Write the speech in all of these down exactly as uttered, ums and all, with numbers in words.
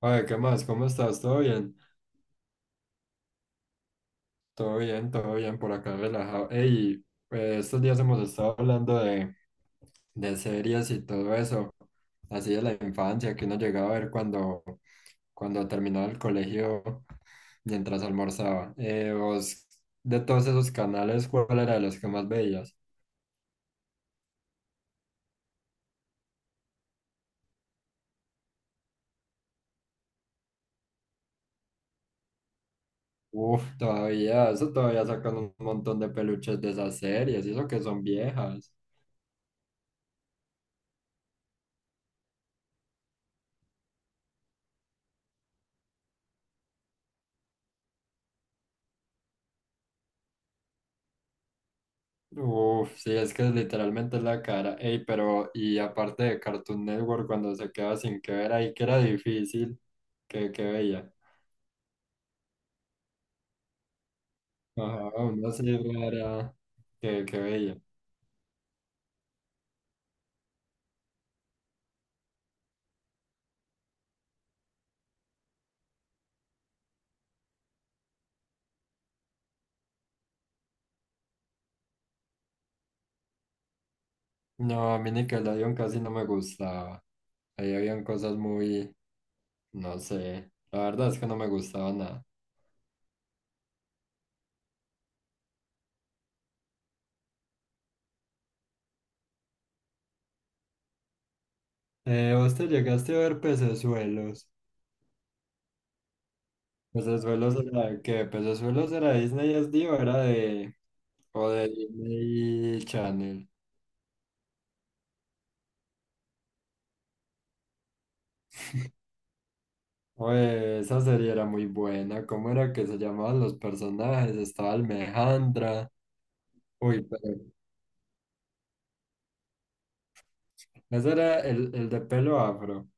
Oye, ¿qué más? ¿Cómo estás? ¿Todo bien? Todo bien, todo bien, por acá relajado. Ey, eh, estos días hemos estado hablando de, de series y todo eso, así de la infancia que uno llegaba a ver cuando, cuando terminaba el colegio mientras almorzaba. Eh, vos, de todos esos canales, ¿cuál era de los que más veías? Uf, todavía, eso todavía sacan un montón de peluches de esas series, y eso que son viejas. Uf, sí, es que literalmente es la cara. Ey, pero y aparte de Cartoon Network, cuando se quedaba sin que ver ahí, que era difícil, que, que veía. Ajá, una serie rara, que, que veía. No, a mí Nickelodeon casi no me gustaba. Ahí habían cosas muy, no sé, la verdad es que no me gustaba nada. Eh, ¿vos te llegaste a ver Pecesuelos? ¿Pecesuelos era de qué? ¿Pecesuelos era de Disney S D o era de, o de Disney Channel? Oye, esa serie era muy buena. ¿Cómo era que se llamaban los personajes? Estaba Almejandra. Uy, pero ese era el, el de pelo afro.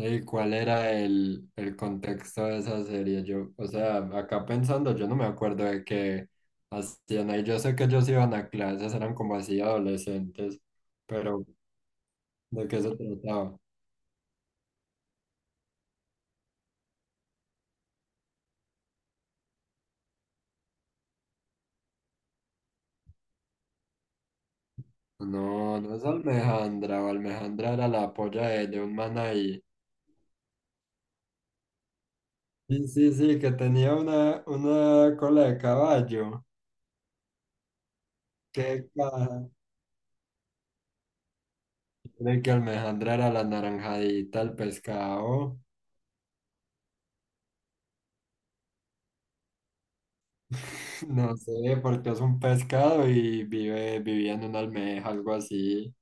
¿Y cuál era el, el contexto de esa serie? Yo, o sea, acá pensando, yo no me acuerdo de qué hacían ahí. Yo sé que ellos iban a clases, eran como así adolescentes, pero ¿de qué se trataba? No, no es Almejandra. O Almejandra era la polla de, de un man ahí. Sí, sí, sí, que tenía una, una cola de caballo. Qué caja. De que Alejandra era la naranjadita, el pescado. No sé, porque es un pescado y vive, vivía en una almeja, algo así.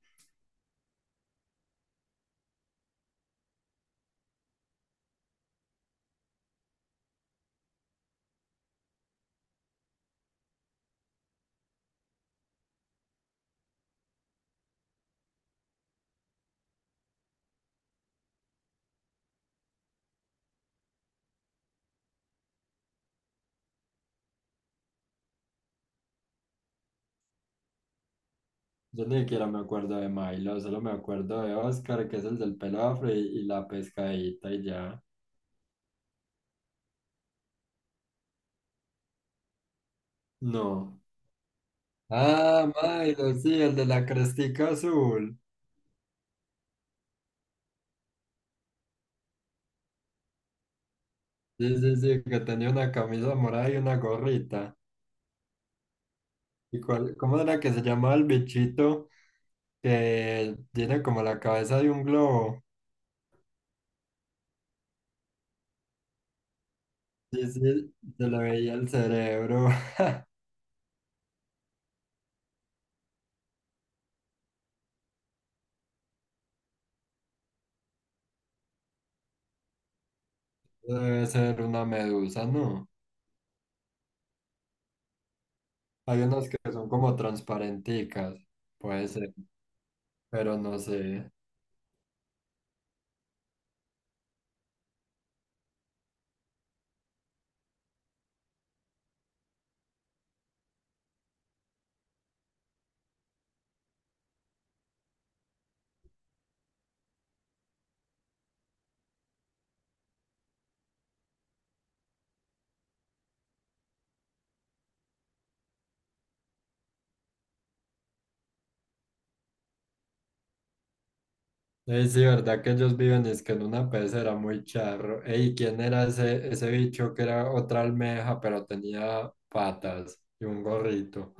Yo ni siquiera me acuerdo de Milo, solo me acuerdo de Oscar, que es el del pelo afro, y, y la pescadita y ya. No. Ah, Milo, sí, el de la crestica azul. Sí, sí, sí, que tenía una camisa morada y una gorrita. ¿Y cuál, cómo era que se llamaba el bichito que tiene como la cabeza de un globo? Sí, sí, se le veía el cerebro. Debe ser una medusa, ¿no? Hay unas que son como transparenticas, puede ser, pero no sé. Ey, sí, ¿verdad que ellos viven? Es que en una pecera muy charro. Ey, ¿quién era ese, ese bicho que era otra almeja, pero tenía patas y un gorrito?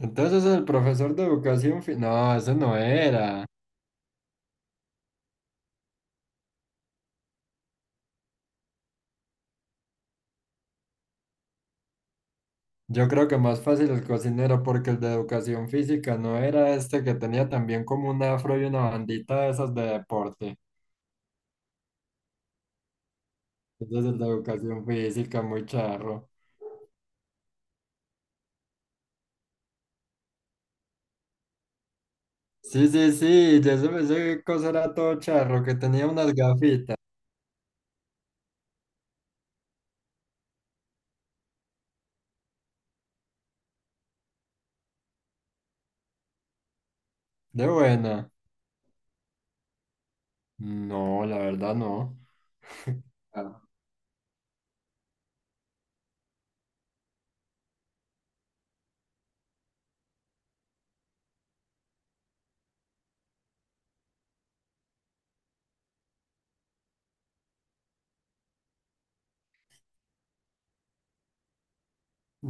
Entonces el profesor de educación... fi- No, ese no era. Yo creo que más fácil el cocinero, porque el de educación física no era este que tenía también como un afro y una bandita de esas de deporte. Entonces el de educación física, muy charro. Sí, sí, sí, ya se me ese cosa era todo charro, que tenía unas gafitas. De buena. No, la verdad no. Ah.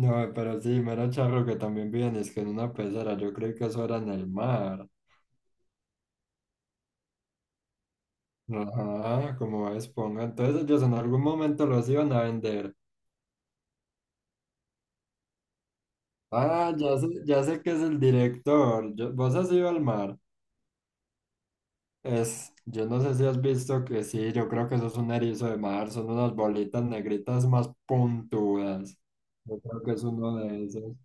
No, pero sí, mero charro que también viven, es que en una pecera, yo creí que eso era en el mar. Ajá, como Esponja. Entonces ellos en algún momento los iban a vender. Ah, ya sé, ya sé que es el director. Yo- ¿vos has ido al mar? Es, yo no sé si has visto que sí, yo creo que eso es un erizo de mar, son unas bolitas negritas más puntudas. Yo creo que es uno de esos.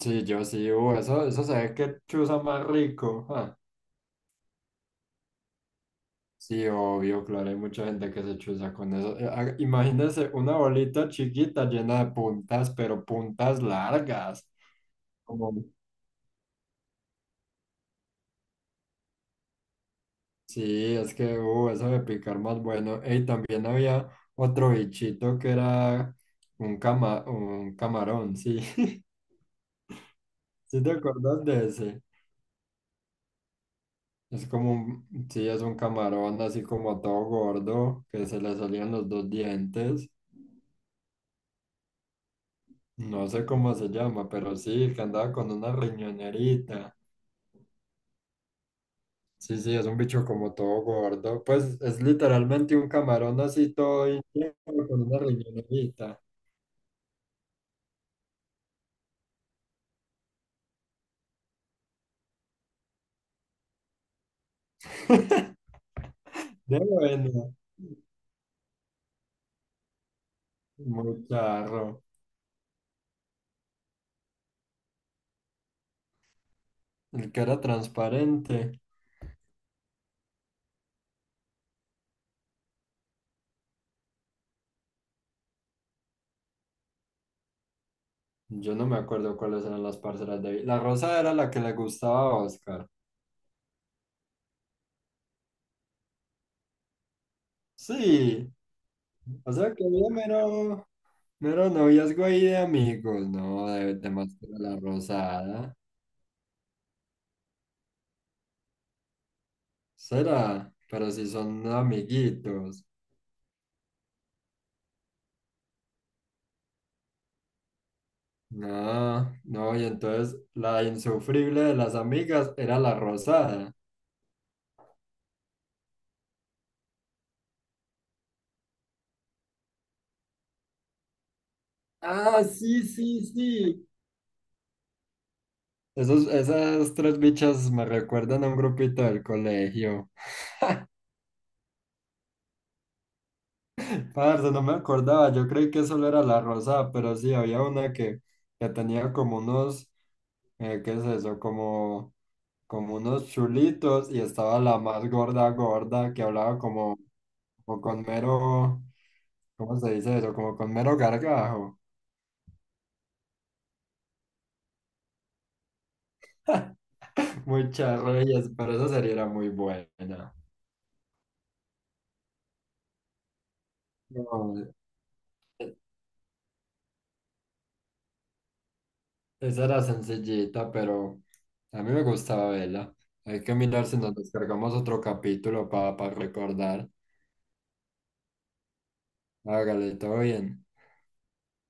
Sí, yo sí, uh, eso, eso se ve que chuza más rico. Ah. Sí, obvio, claro, hay mucha gente que se chuza con eso. Eh, ah, Imagínense una bolita chiquita llena de puntas, pero puntas largas. Sí, es que uh, eso de picar más bueno. Y también había otro bichito que era un, cama un camarón, sí. ¿Sí te acuerdas de ese? Es como un, sí, es un camarón así como todo gordo, que se le salían los dos dientes. No sé cómo se llama, pero sí, que andaba con una riñonerita. Sí, sí, es un bicho como todo gordo. Pues es literalmente un camarón así todo hinchado con una riñonerita. De bueno. Muy claro. El que era transparente. Yo no me acuerdo cuáles eran las parcelas de... Vi- La rosa era la que le gustaba a Oscar. Sí. O sea que había mero, mero noviazgo ahí de amigos, ¿no? De, de más que la rosada. Será. Pero si son amiguitos. No, no. Y entonces la insufrible de las amigas era la rosada. Ah, sí, sí, sí. Esos, esas tres bichas me recuerdan a un grupito del colegio. Parce, no me acordaba, yo creí que solo era la rosada, pero sí, había una que, que tenía como unos, eh, ¿qué es eso? Como, como unos chulitos y estaba la más gorda, gorda, que hablaba como, como con mero, ¿cómo se dice eso? Como con mero gargajo. Muchas gracias, pero esa serie era muy buena. No, esa era sencillita, pero a mí me gustaba verla. Hay que mirar si nos descargamos otro capítulo para recordar. Hágale, todo bien.